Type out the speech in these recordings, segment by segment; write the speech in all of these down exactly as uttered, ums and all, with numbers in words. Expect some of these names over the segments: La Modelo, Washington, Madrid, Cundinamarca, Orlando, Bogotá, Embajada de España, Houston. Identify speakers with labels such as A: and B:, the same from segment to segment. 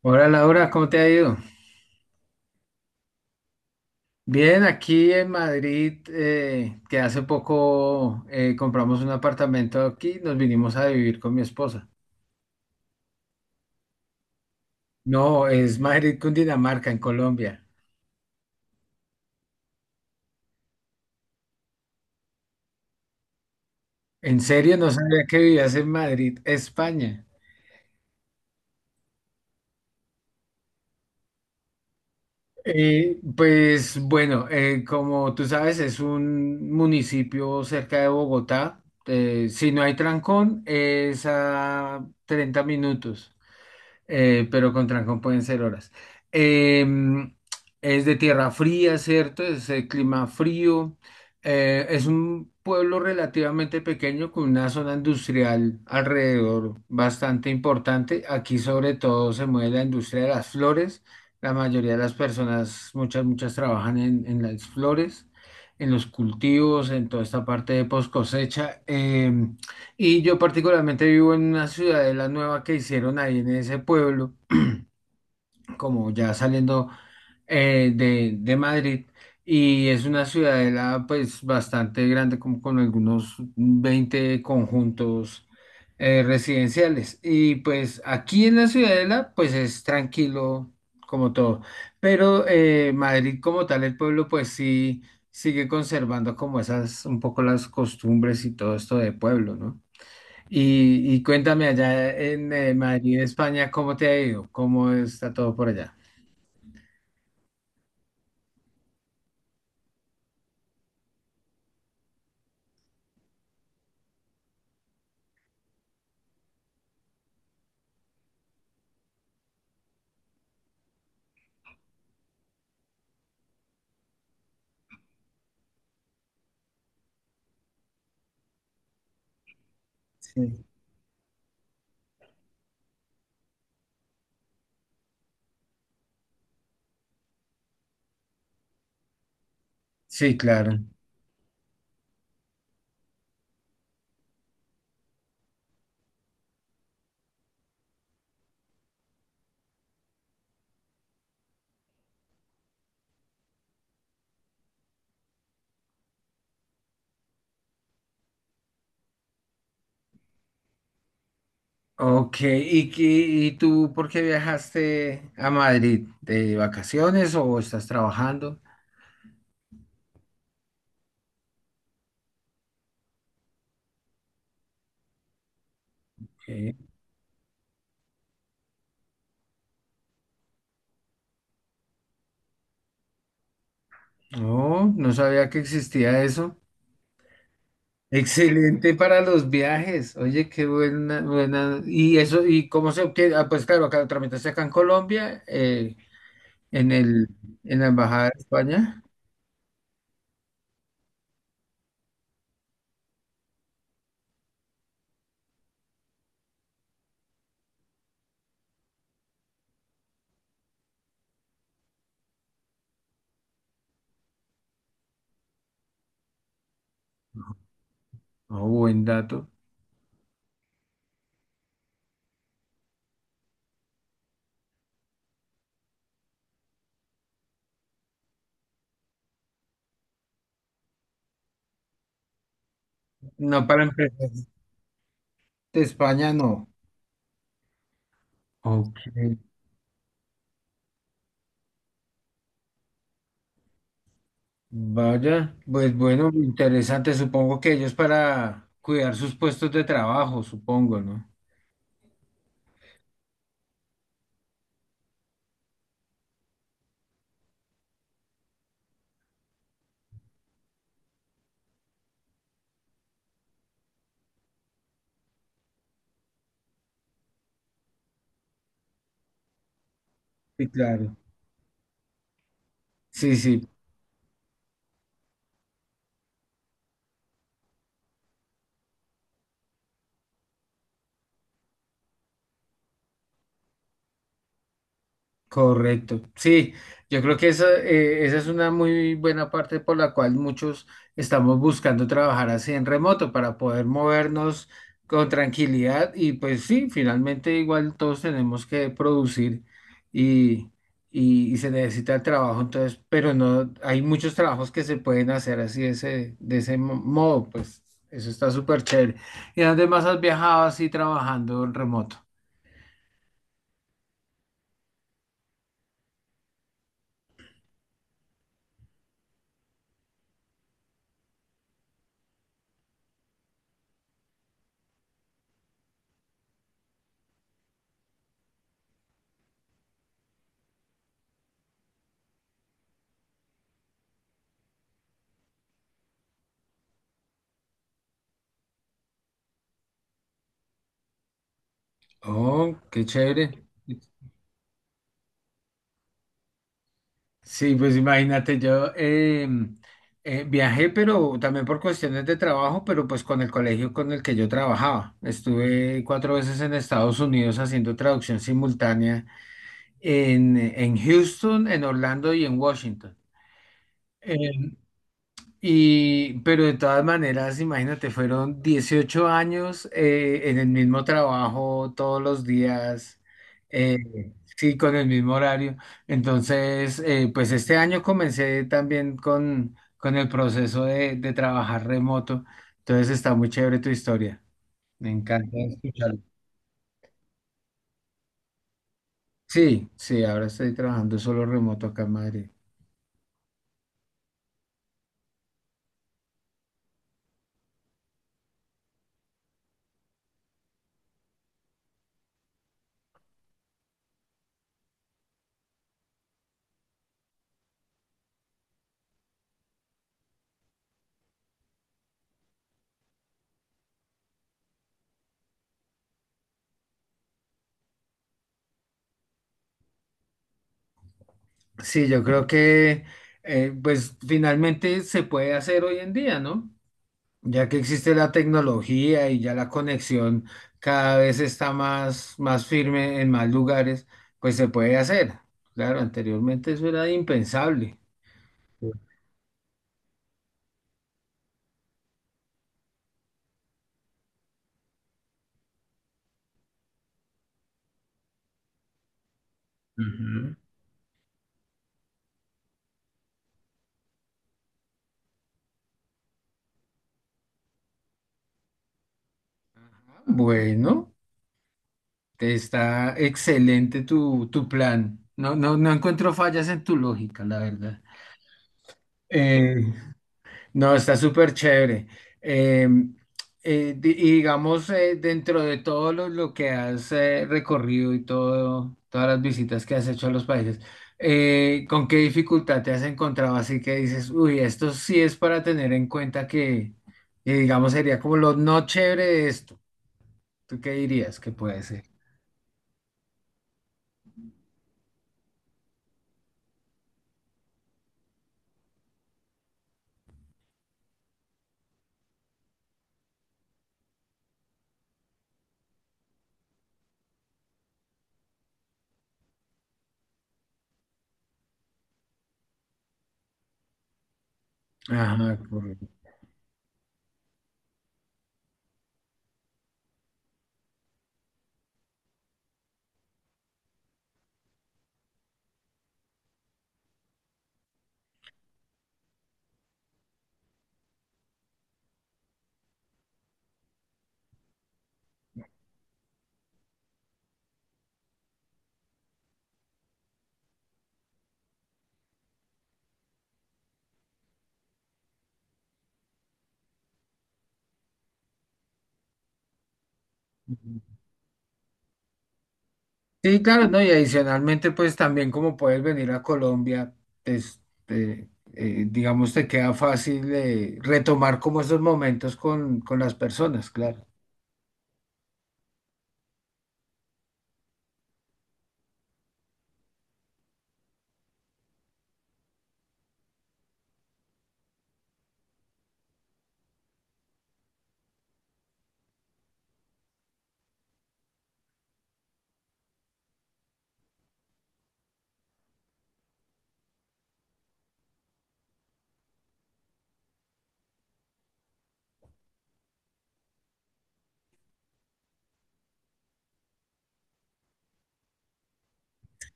A: Hola Laura, ¿cómo te ha ido? Bien, aquí en Madrid, eh, que hace poco eh, compramos un apartamento aquí, nos vinimos a vivir con mi esposa. No, es Madrid, Cundinamarca, en Colombia. En serio, no sabía que vivías en Madrid, España. Eh, pues bueno, eh, como tú sabes, es un municipio cerca de Bogotá. Eh, si no hay trancón, es a treinta minutos, eh, pero con trancón pueden ser horas. Em, es de tierra fría, ¿cierto? Es de clima frío. Eh, es un pueblo relativamente pequeño con una zona industrial alrededor bastante importante. Aquí sobre todo se mueve la industria de las flores. La mayoría de las personas, muchas, muchas trabajan en, en las flores, en los cultivos, en toda esta parte de post cosecha. Em, y yo particularmente vivo en una ciudadela nueva que hicieron ahí en ese pueblo, como ya saliendo eh, de, de Madrid. Y es una ciudadela pues bastante grande, como con algunos veinte conjuntos eh, residenciales. Y pues aquí en la ciudadela pues es tranquilo como todo. Pero eh, Madrid como tal, el pueblo pues sí sigue conservando como esas un poco las costumbres y todo esto de pueblo, ¿no? Y, y cuéntame allá en eh, Madrid, España, ¿cómo te ha ido? ¿Cómo está todo por allá? Sí. Sí, claro. Ok, ¿y, qué- y tú por qué viajaste a Madrid? ¿De vacaciones o estás trabajando? Ok. No, no sabía que existía eso. Excelente para los viajes. Oye, qué buena, buena. Y eso, ¿y cómo se obtiene? Ah, pues claro, acá lo tramitaste acá en Colombia, eh, en el, en la Embajada de España. Oh, buen dato. No, para empezar, de España no. Ok. Vaya, pues bueno, interesante. Supongo que ellos para cuidar sus puestos de trabajo, supongo, ¿no? Sí, claro. Sí, sí. Correcto. Sí, yo creo que esa, eh, esa es una muy buena parte por la cual muchos estamos buscando trabajar así en remoto para poder movernos con tranquilidad y pues sí, finalmente igual todos tenemos que producir y, y, y se necesita el trabajo, entonces, pero no, hay muchos trabajos que se pueden hacer así de ese, de ese mo- modo, pues eso está súper chévere. ¿Y además has viajado así trabajando en remoto? Oh, qué chévere. Sí, pues imagínate, yo eh, eh, viajé, pero también por cuestiones de trabajo, pero pues con el colegio con el que yo trabajaba. Estuve cuatro veces en Estados Unidos haciendo traducción simultánea en, en Houston, en Orlando y en Washington. Eh, y, pero de todas maneras, imagínate, fueron dieciocho años eh, en el mismo trabajo, todos los días, eh, sí, con el mismo horario. Entonces, eh, pues este año comencé también con, con el proceso de, de trabajar remoto. Entonces está muy chévere tu historia. Me encanta escucharlo. Sí, sí, ahora estoy trabajando solo remoto acá en Madrid. Sí, yo creo que eh, pues finalmente se puede hacer hoy en día, ¿no? Ya que existe la tecnología y ya la conexión cada vez está más, más firme en más lugares, pues se puede hacer. Claro, anteriormente eso era impensable. Ujú. Bueno, está excelente tu, tu plan. No, no, no encuentro fallas en tu lógica, la verdad. Eh, No, está súper chévere. Eh, eh, di- y digamos, eh, dentro de todo lo, lo que has eh, recorrido y todo, todas las visitas que has hecho a los países, eh, ¿con qué dificultad te has encontrado? Así que dices, uy, esto sí es para tener en cuenta que, que, digamos, sería como lo no chévere de esto. ¿Tú qué dirías que puede ser? Ajá, correcto. Sí, claro, ¿no? Y adicionalmente, pues también como puedes venir a Colombia, este, eh, digamos, te queda fácil eh, retomar como esos momentos con, con las personas, claro.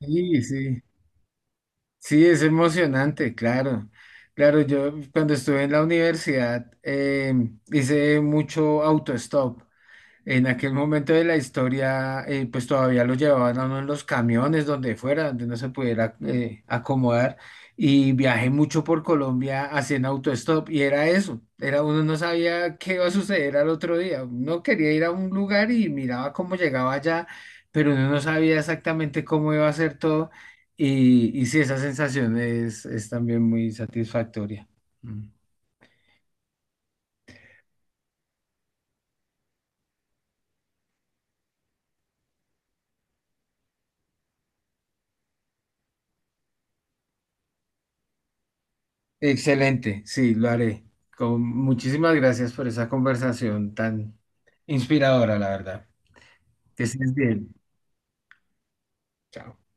A: Sí, sí, sí, es emocionante, claro. Claro, yo cuando estuve en la universidad eh, hice mucho autostop. En aquel momento de la historia, eh, pues todavía lo llevaban a uno en los camiones, donde fuera, donde no se pudiera eh, acomodar. Y viajé mucho por Colombia haciendo autostop y era eso. Era, uno no sabía qué iba a suceder al otro día. Uno quería ir a un lugar y miraba cómo llegaba allá, pero uno no sabía exactamente cómo iba a ser todo. Y, y sí, esa sensación es, es también muy satisfactoria. Mm. Excelente, sí, lo haré. Con, muchísimas gracias por esa conversación tan inspiradora, la verdad. Que estés bien. Chao.